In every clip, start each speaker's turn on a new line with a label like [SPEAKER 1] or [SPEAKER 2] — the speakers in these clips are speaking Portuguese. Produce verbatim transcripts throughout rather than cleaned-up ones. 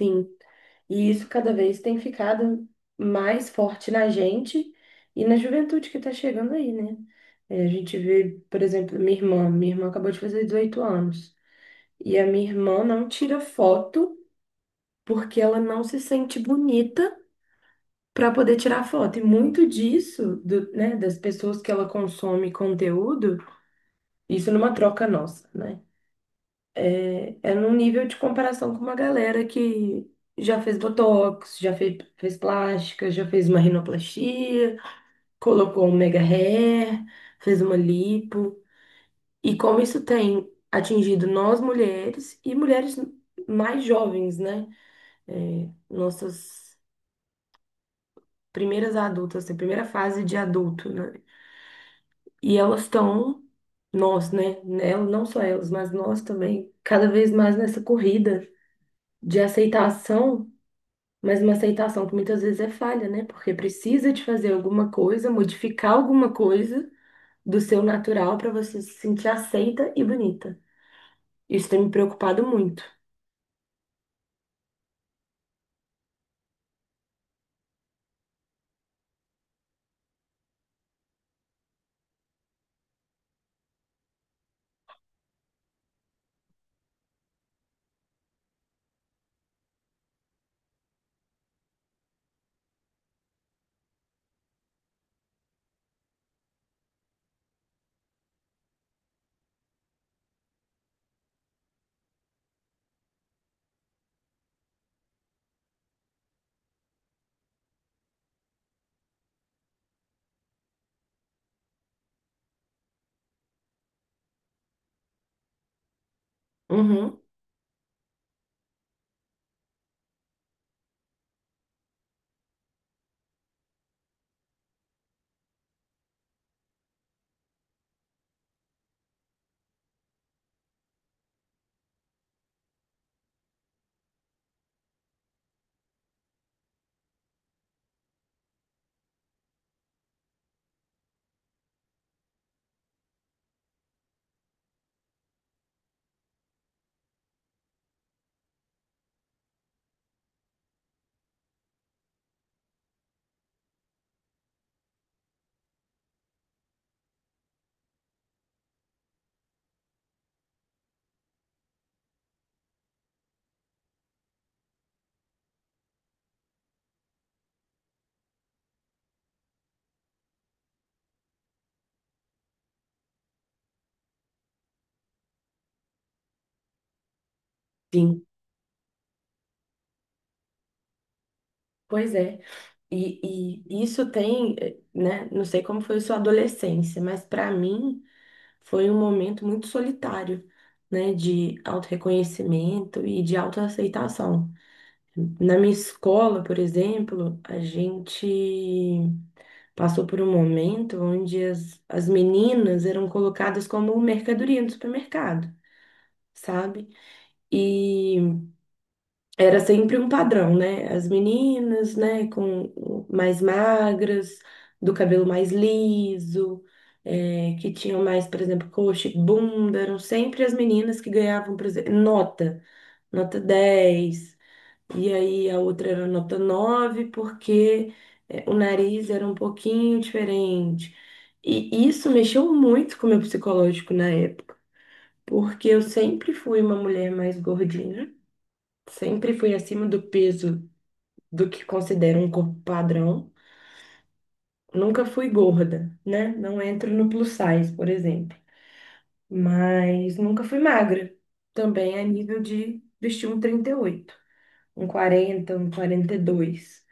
[SPEAKER 1] Sim. E isso cada vez tem ficado mais forte na gente e na juventude que está chegando aí, né? É, a gente vê, por exemplo, minha irmã. Minha irmã acabou de fazer dezoito anos. E a minha irmã não tira foto porque ela não se sente bonita para poder tirar foto. E muito disso, do- né, das pessoas que ela consome conteúdo, isso numa troca nossa, né? É é num nível de comparação com uma galera que já fez botox, já fez, fez plástica, já fez uma rinoplastia, colocou um mega hair, fez uma lipo. E como isso tem atingido nós mulheres e mulheres mais jovens, né? É, nossas primeiras adultas, assim, primeira fase de adulto, né? E elas estão, nós, né? Elas, não só elas, mas nós também, cada vez mais nessa corrida de aceitação. Mas uma aceitação que muitas vezes é falha, né? Porque precisa de fazer alguma coisa, modificar alguma coisa do seu natural para você se sentir aceita e bonita. Isso tem me preocupado muito. Uhum, sim. Pois é. E, e isso tem, eh, né? Não sei como foi sua adolescência, mas para mim foi um momento muito solitário, né? De autorreconhecimento e de autoaceitação. Na minha escola, por exemplo, a gente passou por um momento onde as, as meninas eram colocadas como mercadoria no supermercado, sabe? E era sempre um padrão, né? As meninas, né, com mais magras, do cabelo mais liso, é, que tinham mais, por exemplo, coxa e bunda, eram sempre as meninas que ganhavam, por exemplo, nota, nota dez. E aí a outra era nota nove porque é, o nariz era um pouquinho diferente. E isso mexeu muito com o meu psicológico na época, porque eu sempre fui uma mulher mais gordinha, sempre fui acima do peso do que considero um corpo padrão. Nunca fui gorda, né? Não entro no plus size, por exemplo. Mas nunca fui magra. Também a nível de vestir um trinta e oito, um quarenta um quarenta e dois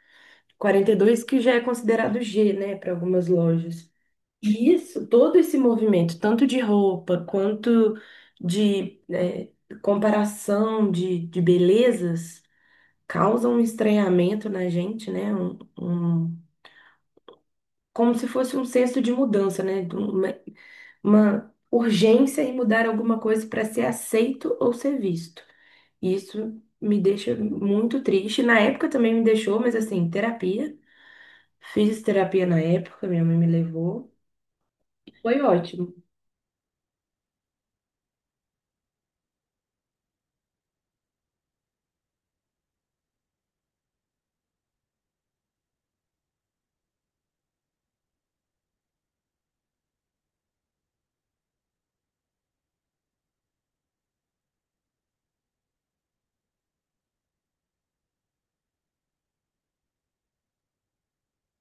[SPEAKER 1] quarenta e dois que já é considerado G, né, para algumas lojas. E isso, todo esse movimento, tanto de roupa quanto de eh, comparação de, de belezas, causa um estranhamento na gente, né? Um, um- como se fosse um senso de mudança, né? De um, Uma, uma urgência em mudar alguma coisa para ser aceito ou ser visto. Isso me deixa muito triste. Na época também me deixou, mas assim, terapia. Fiz terapia na época, minha mãe me levou. Foi ótimo.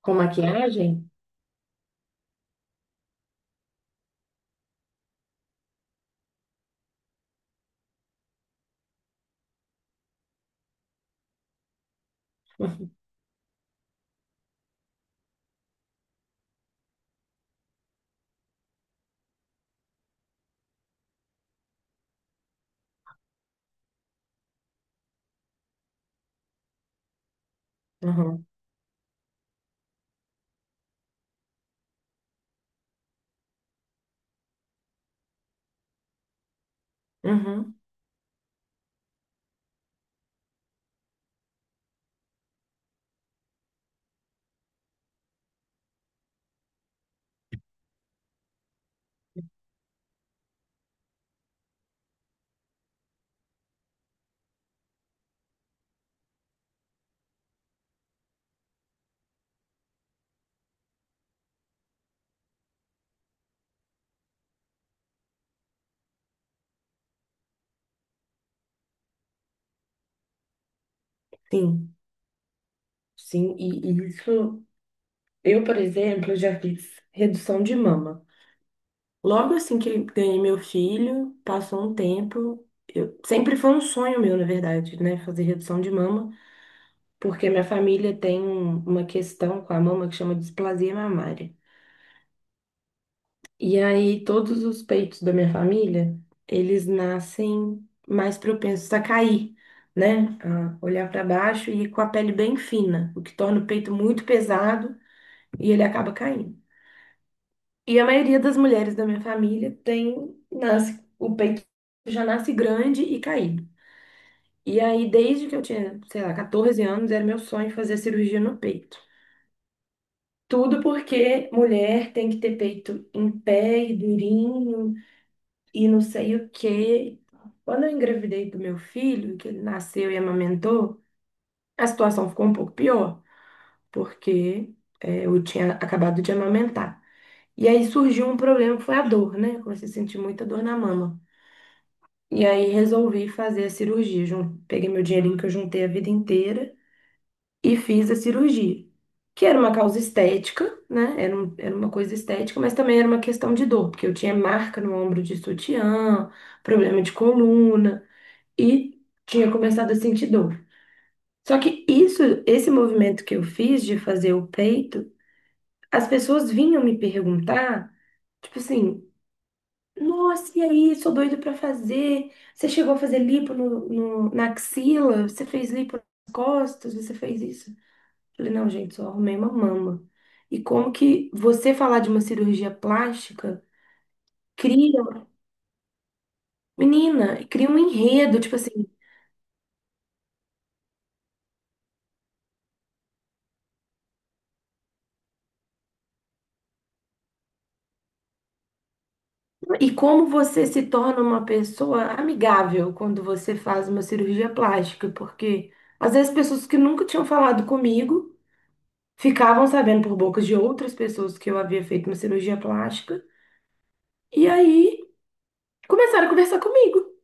[SPEAKER 1] Com maquiagem? Uhum. Uhum. Sim, sim. E, e isso, eu, por exemplo, já fiz redução de mama. Logo assim que ganhei meu filho, passou um tempo. Eu, sempre foi um sonho meu, na verdade, né? Fazer redução de mama, porque minha família tem um- uma questão com a mama que chama displasia mamária. E aí, todos os peitos da minha família, eles nascem mais propensos a cair, né? A olhar para baixo e com a pele bem fina, o que torna o peito muito pesado e ele acaba caindo. E a maioria das mulheres da minha família tem, nasce, o peito já nasce grande e caído. E aí, desde que eu tinha, sei lá, catorze anos, era meu sonho fazer cirurgia no peito. Tudo porque mulher tem que ter peito em pé e durinho, e não sei o quê. Quando eu engravidei do meu filho, que ele nasceu e amamentou, a situação ficou um pouco pior, porque eh, eu tinha acabado de amamentar. E aí surgiu um problema que foi a dor, né? Eu comecei a sentir muita dor na mama. E aí resolvi fazer a cirurgia. Jun- Peguei meu dinheirinho que eu juntei a vida inteira e fiz a cirurgia. Que era uma causa estética, né? Era, um- era uma coisa estética, mas também era uma questão de dor, porque eu tinha marca no ombro de sutiã, problema de coluna, e tinha começado a sentir dor. Só que isso, esse movimento que eu fiz de fazer o peito, as pessoas vinham me perguntar, tipo assim, nossa, e aí, sou doido pra fazer. Você chegou a fazer lipo no, no- na axila? Você fez lipo nas costas? Você fez isso? Eu falei, não, gente, só arrumei uma mama. E como que você falar de uma cirurgia plástica cria, menina, cria um enredo, tipo assim. E como você se torna uma pessoa amigável quando você faz uma cirurgia plástica? Porque às vezes pessoas que nunca tinham falado comigo ficavam sabendo por bocas de outras pessoas que eu havia feito uma cirurgia plástica e aí começaram a conversar comigo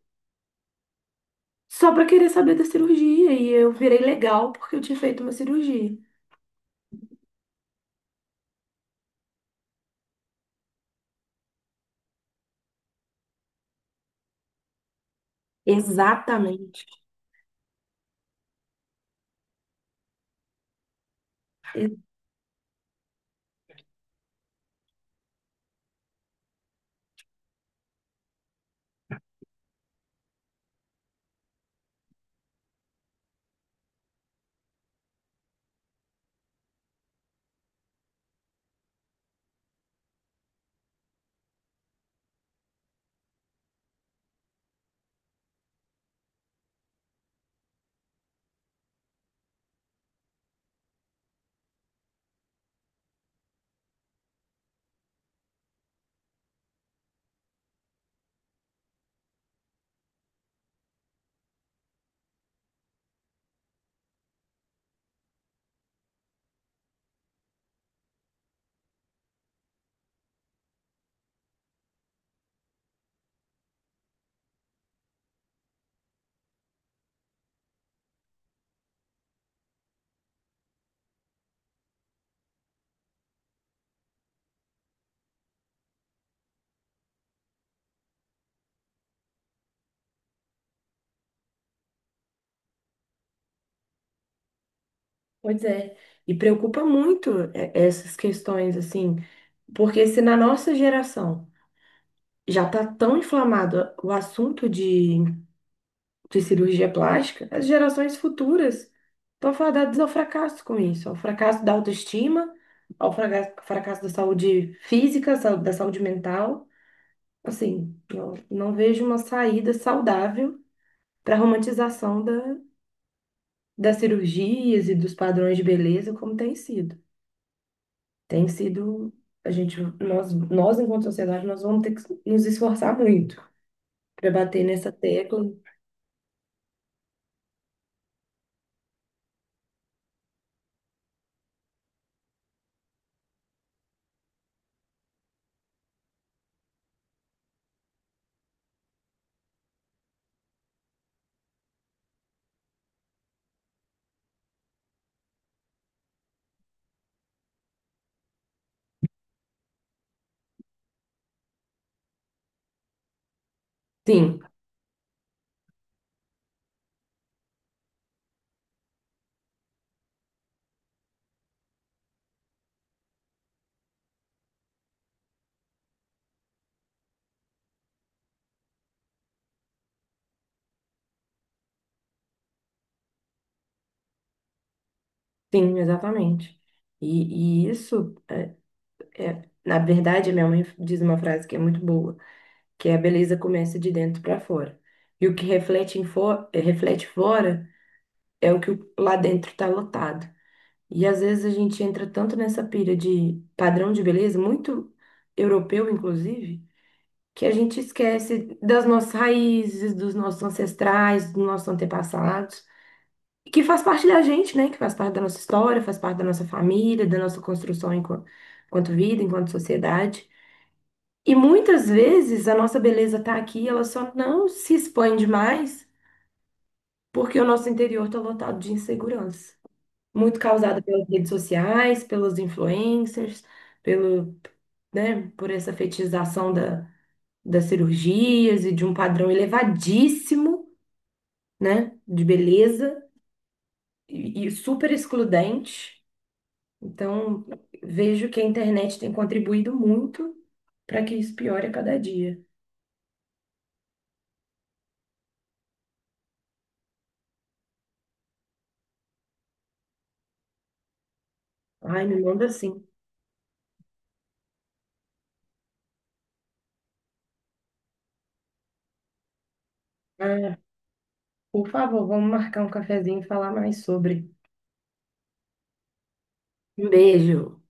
[SPEAKER 1] só para querer saber da cirurgia e eu virei legal porque eu tinha feito uma cirurgia. Exatamente. Pois é. E preocupa muito é, essas questões assim, porque se na nossa geração já está tão inflamado o assunto de, de cirurgia plástica, as gerações futuras estão fadadas ao fracasso com isso, ao fracasso da autoestima, ao fraga- fracasso da saúde física, sa- da saúde mental. Assim, não, não vejo uma saída saudável para a romantização da, das cirurgias e dos padrões de beleza como tem sido. Tem sido, a gente, nós, nós enquanto sociedade, nós vamos ter que nos esforçar muito para bater nessa tecla. Sim, sim, exatamente. E, e isso é, na verdade, minha mãe diz uma frase que é muito boa, que é a beleza começa de dentro para fora. E o que reflete em fo eh, reflete fora é o que o- lá dentro está lotado. E às vezes a gente entra tanto nessa pira de padrão de beleza, muito europeu, inclusive, que a gente esquece das nossas raízes, dos nossos ancestrais, dos nossos antepassados, que faz parte da gente, né? Que faz parte da nossa história, faz parte da nossa família, da nossa construção enquanto, enquanto vida, enquanto sociedade. E muitas vezes a nossa beleza tá aqui, ela só não se expande mais porque o nosso interior tá lotado de insegurança, muito causada pelas redes sociais, pelos influencers, pelo, né, por essa fetização da, das cirurgias e de um padrão elevadíssimo, né, de beleza e, e super excludente. Então, vejo que a internet tem contribuído muito para que isso piore a cada dia. Ai, me manda assim. Ah, por favor, vamos marcar um cafezinho e falar mais sobre. Um beijo.